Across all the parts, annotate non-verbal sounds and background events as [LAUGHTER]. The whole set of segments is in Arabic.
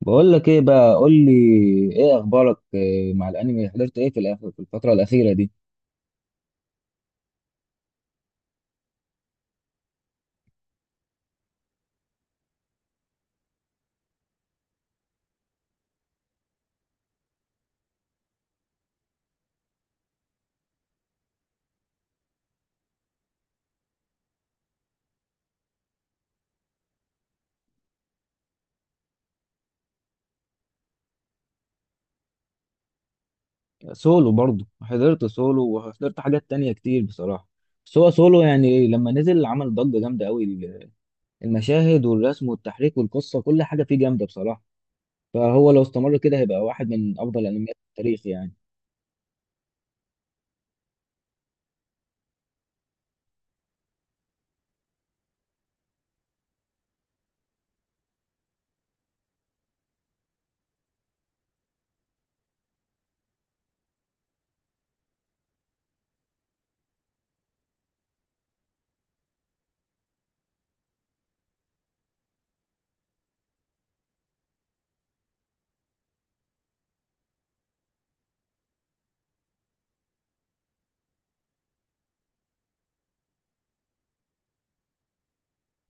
بقول لك ايه بقى، قول لي ايه اخبارك. إيه مع الانمي؟ حضرت ايه في في الفتره الاخيره دي؟ سولو برضو حضرت، سولو وحضرت حاجات تانية كتير بصراحه. بس هو سولو يعني لما نزل عمل ضجه جامده قوي. المشاهد والرسم والتحريك والقصه، كل حاجه فيه جامده بصراحه. فهو لو استمر كده هيبقى واحد من افضل الانميات في التاريخ يعني.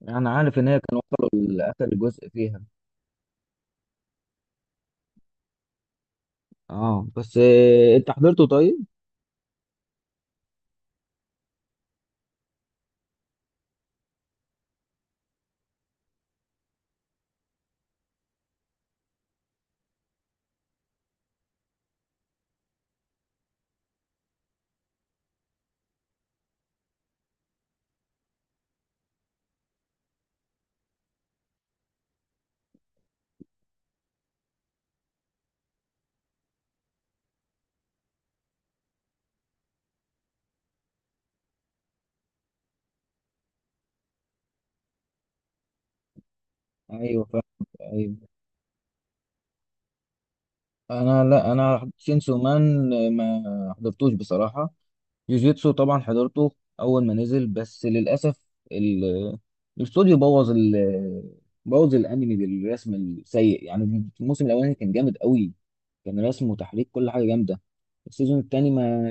انا عارف ان هي كان هو اخر جزء فيها. اه، بس إيه انت حضرته؟ طيب. ايوه فاهم. ايوه. انا لا، انا شينسو مان ما حضرتوش بصراحه. جوجيتسو طبعا حضرته اول ما نزل، بس للاسف ال- الاستوديو بوظ ال بوظ الانمي بالرسم السيء. يعني الموسم الاولاني كان جامد قوي، كان رسم وتحريك كل حاجه جامده. السيزون التاني ما،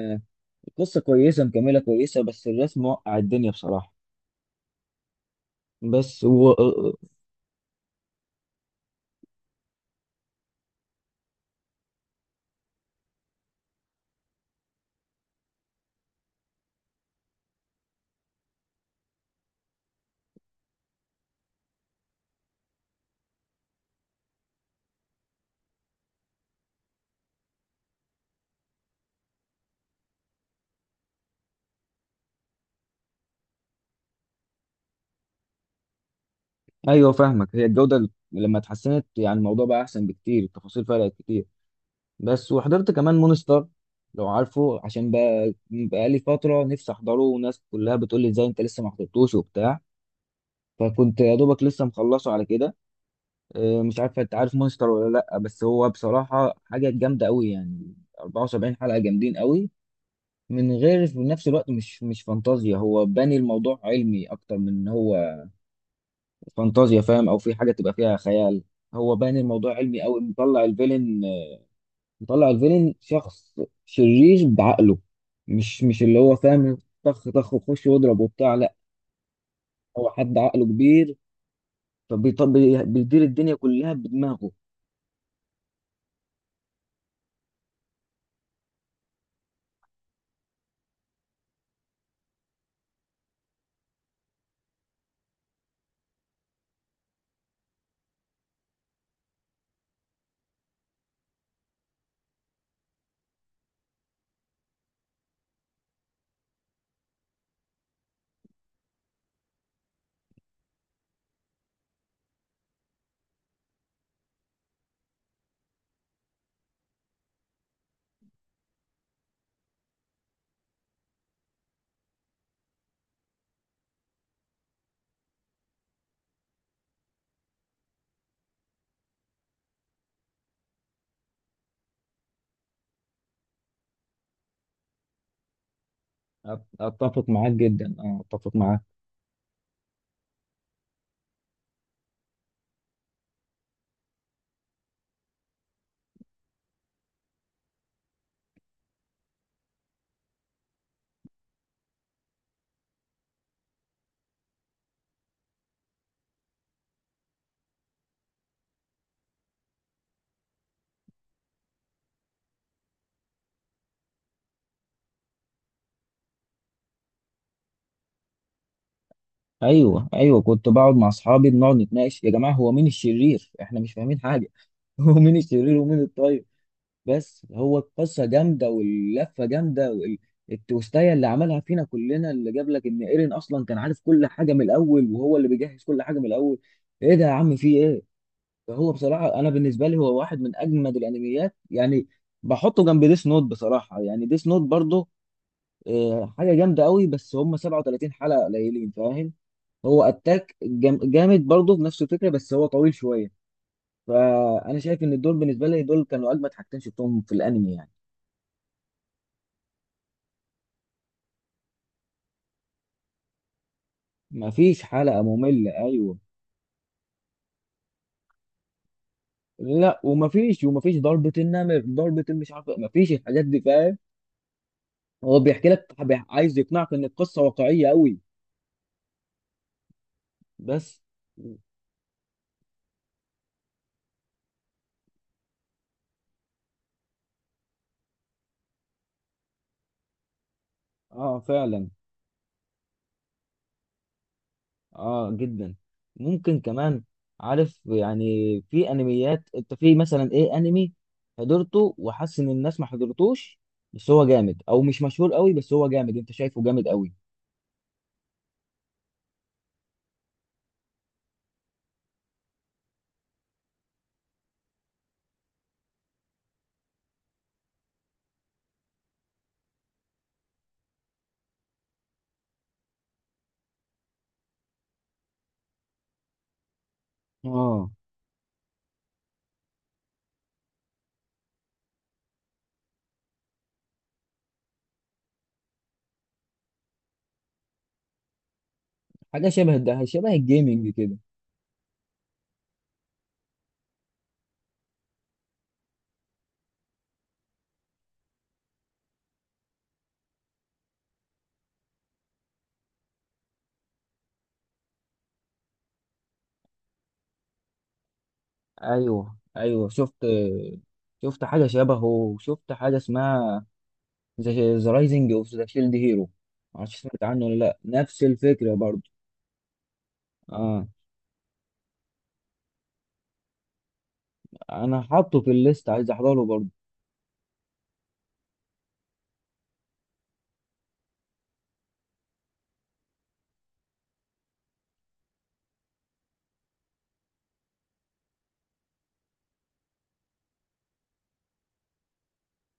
القصه كويسه، مكمله كويسه، بس الرسم وقع الدنيا بصراحه. بس ايوه فاهمك، هي الجوده لما اتحسنت يعني الموضوع بقى احسن بكتير، التفاصيل فرقت كتير. بس وحضرت كمان مونستر لو عارفه، عشان بقى بقالي فترة نفسي أحضره وناس كلها بتقول لي إزاي أنت لسه ما حضرتوش وبتاع، فكنت يا دوبك لسه مخلصه على كده. مش عارف أنت عارف مونستر ولا لأ، بس هو بصراحة حاجة جامدة أوي يعني. 74 حلقة جامدين أوي من غير في نفس الوقت. مش فانتازيا، هو باني الموضوع علمي أكتر من إن هو فانتازيا، فاهم؟ أو في حاجة تبقى فيها خيال. هو باني الموضوع علمي أوي، مطلع الفيلن، مطلع الفيلن شخص شرير بعقله. مش اللي هو فاهم طخ طخ وخش واضرب وبتاع، لا. هو حد عقله كبير، بيدير الدنيا كلها بدماغه. اتفق معاك جدا، اه اتفق معاك. ايوه ايوه، كنت بقعد مع اصحابي، بنقعد نتناقش يا جماعه هو مين الشرير، احنا مش فاهمين حاجه. [LAUGHS] هو مين الشرير ومين الطيب؟ بس هو القصه جامده واللفه جامده التويستايه اللي عملها فينا كلنا، اللي جاب لك ان ايرين اصلا كان عارف كل حاجه من الاول، وهو اللي بيجهز كل حاجه من الاول. ايه ده يا عم، في ايه؟ فهو بصراحه انا بالنسبه لي هو واحد من اجمد الانميات يعني. بحطه جنب ديس نوت بصراحه، يعني ديس نوت برضه حاجه جامده قوي، بس هم 37 حلقه قليلين، فاهم. هو اتاك جامد برضه بنفس الفكره، بس هو طويل شويه. فانا شايف ان دول بالنسبه لي دول كانوا اجمد حاجتين شفتهم في الانمي يعني. مفيش حلقة مملة، ايوه. لا، ومفيش، ومفيش ضربة النمر، ضربة المش عارف، مفيش الحاجات دي، فاهم. هو بيحكي لك عايز يقنعك ان القصة واقعية قوي. بس. اه فعلا. اه جدا. ممكن كمان. عارف يعني، في انميات انت في مثلا ايه انمي حضرته وحاسس ان الناس ما حضرتوش، بس هو جامد، او مش مشهور قوي بس هو جامد انت شايفه جامد قوي. اه، حاجة شبه ده، شبه الجيمنج كده. ايوه ايوه شفت، شفت حاجه شبهه وشفت حاجه اسمها ذا رايزنج اوف ذا شيلد هيرو. معرفش سمعت عنه ولا لا، نفس الفكره برضه. اه. انا حاطه في الليست عايز احضره برضه.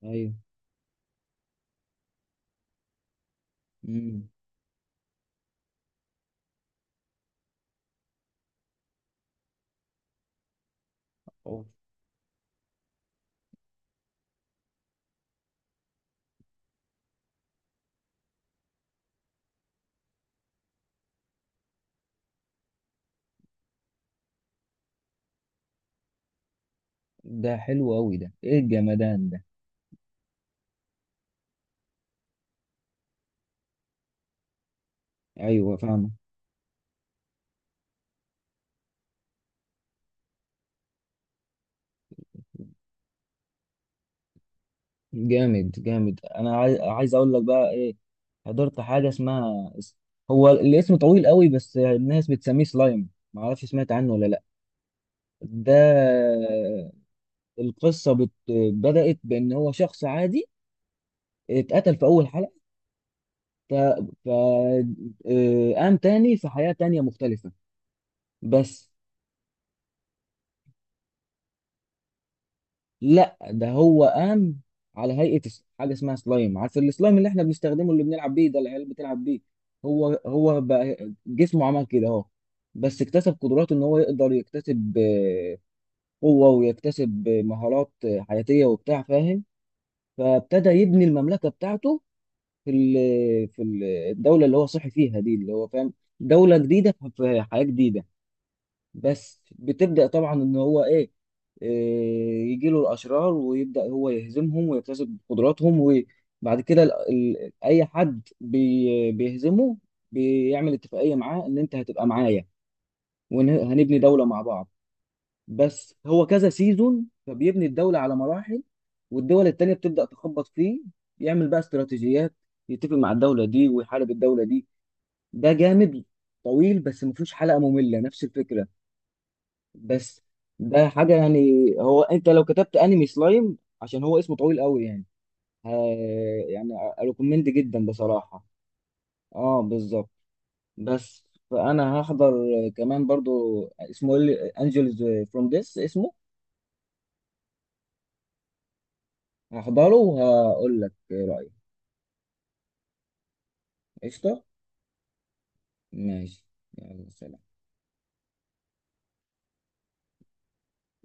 ايوه. امم. أوف. ده حلو قوي ده، ايه الجمدان ده. ايوه فاهمه. جامد جامد، انا عايز، عايز اقول لك بقى ايه، حضرت حاجه اسمها، هو الاسم طويل قوي بس الناس بتسميه سلايم، معرفش سمعت عنه ولا لا. ده القصة بدأت بإن هو شخص عادي اتقتل في أول حلقة. ف... ف... آه، قام تاني في حياة تانية مختلفة، بس لا، ده هو قام على هيئة حاجة اسمها سلايم. عارف السلايم اللي احنا بنستخدمه، اللي بنلعب بيه ده العيال بتلعب بيه. هو بقى جسمه عمل كده اهو، بس اكتسب قدرات ان هو يقدر يكتسب قوة، ويكتسب مهارات حياتية وبتاع، فاهم. فابتدى يبني المملكة بتاعته الدوله اللي هو صحي فيها دي، اللي هو فاهم، دوله جديده في حياه جديده. بس بتبدا طبعا ان هو ايه، آه، يجي له الاشرار ويبدا هو يهزمهم ويكتسب قدراتهم. وبعد كده اي حد بيهزمه بيعمل اتفاقيه معاه ان انت هتبقى معايا وهنبني دوله مع بعض. بس هو كذا سيزون، فبيبني الدولة على مراحل، والدول التانية بتبدأ تخبط فيه، يعمل بقى استراتيجيات، يتفق مع الدولة دي ويحارب الدولة دي. ده جامد، طويل بس مفيهوش حلقة مملة، نفس الفكرة بس. ده حاجة يعني. هو انت لو كتبت انمي سلايم، عشان هو اسمه طويل قوي يعني، ها، يعني اريكومند جدا بصراحة. اه بالظبط. بس فانا هحضر كمان برضو اسمه انجلز فروم ديس اسمه، هحضره وهقول لك ايه رأيي. قشطة، ماشي، يلا سلام.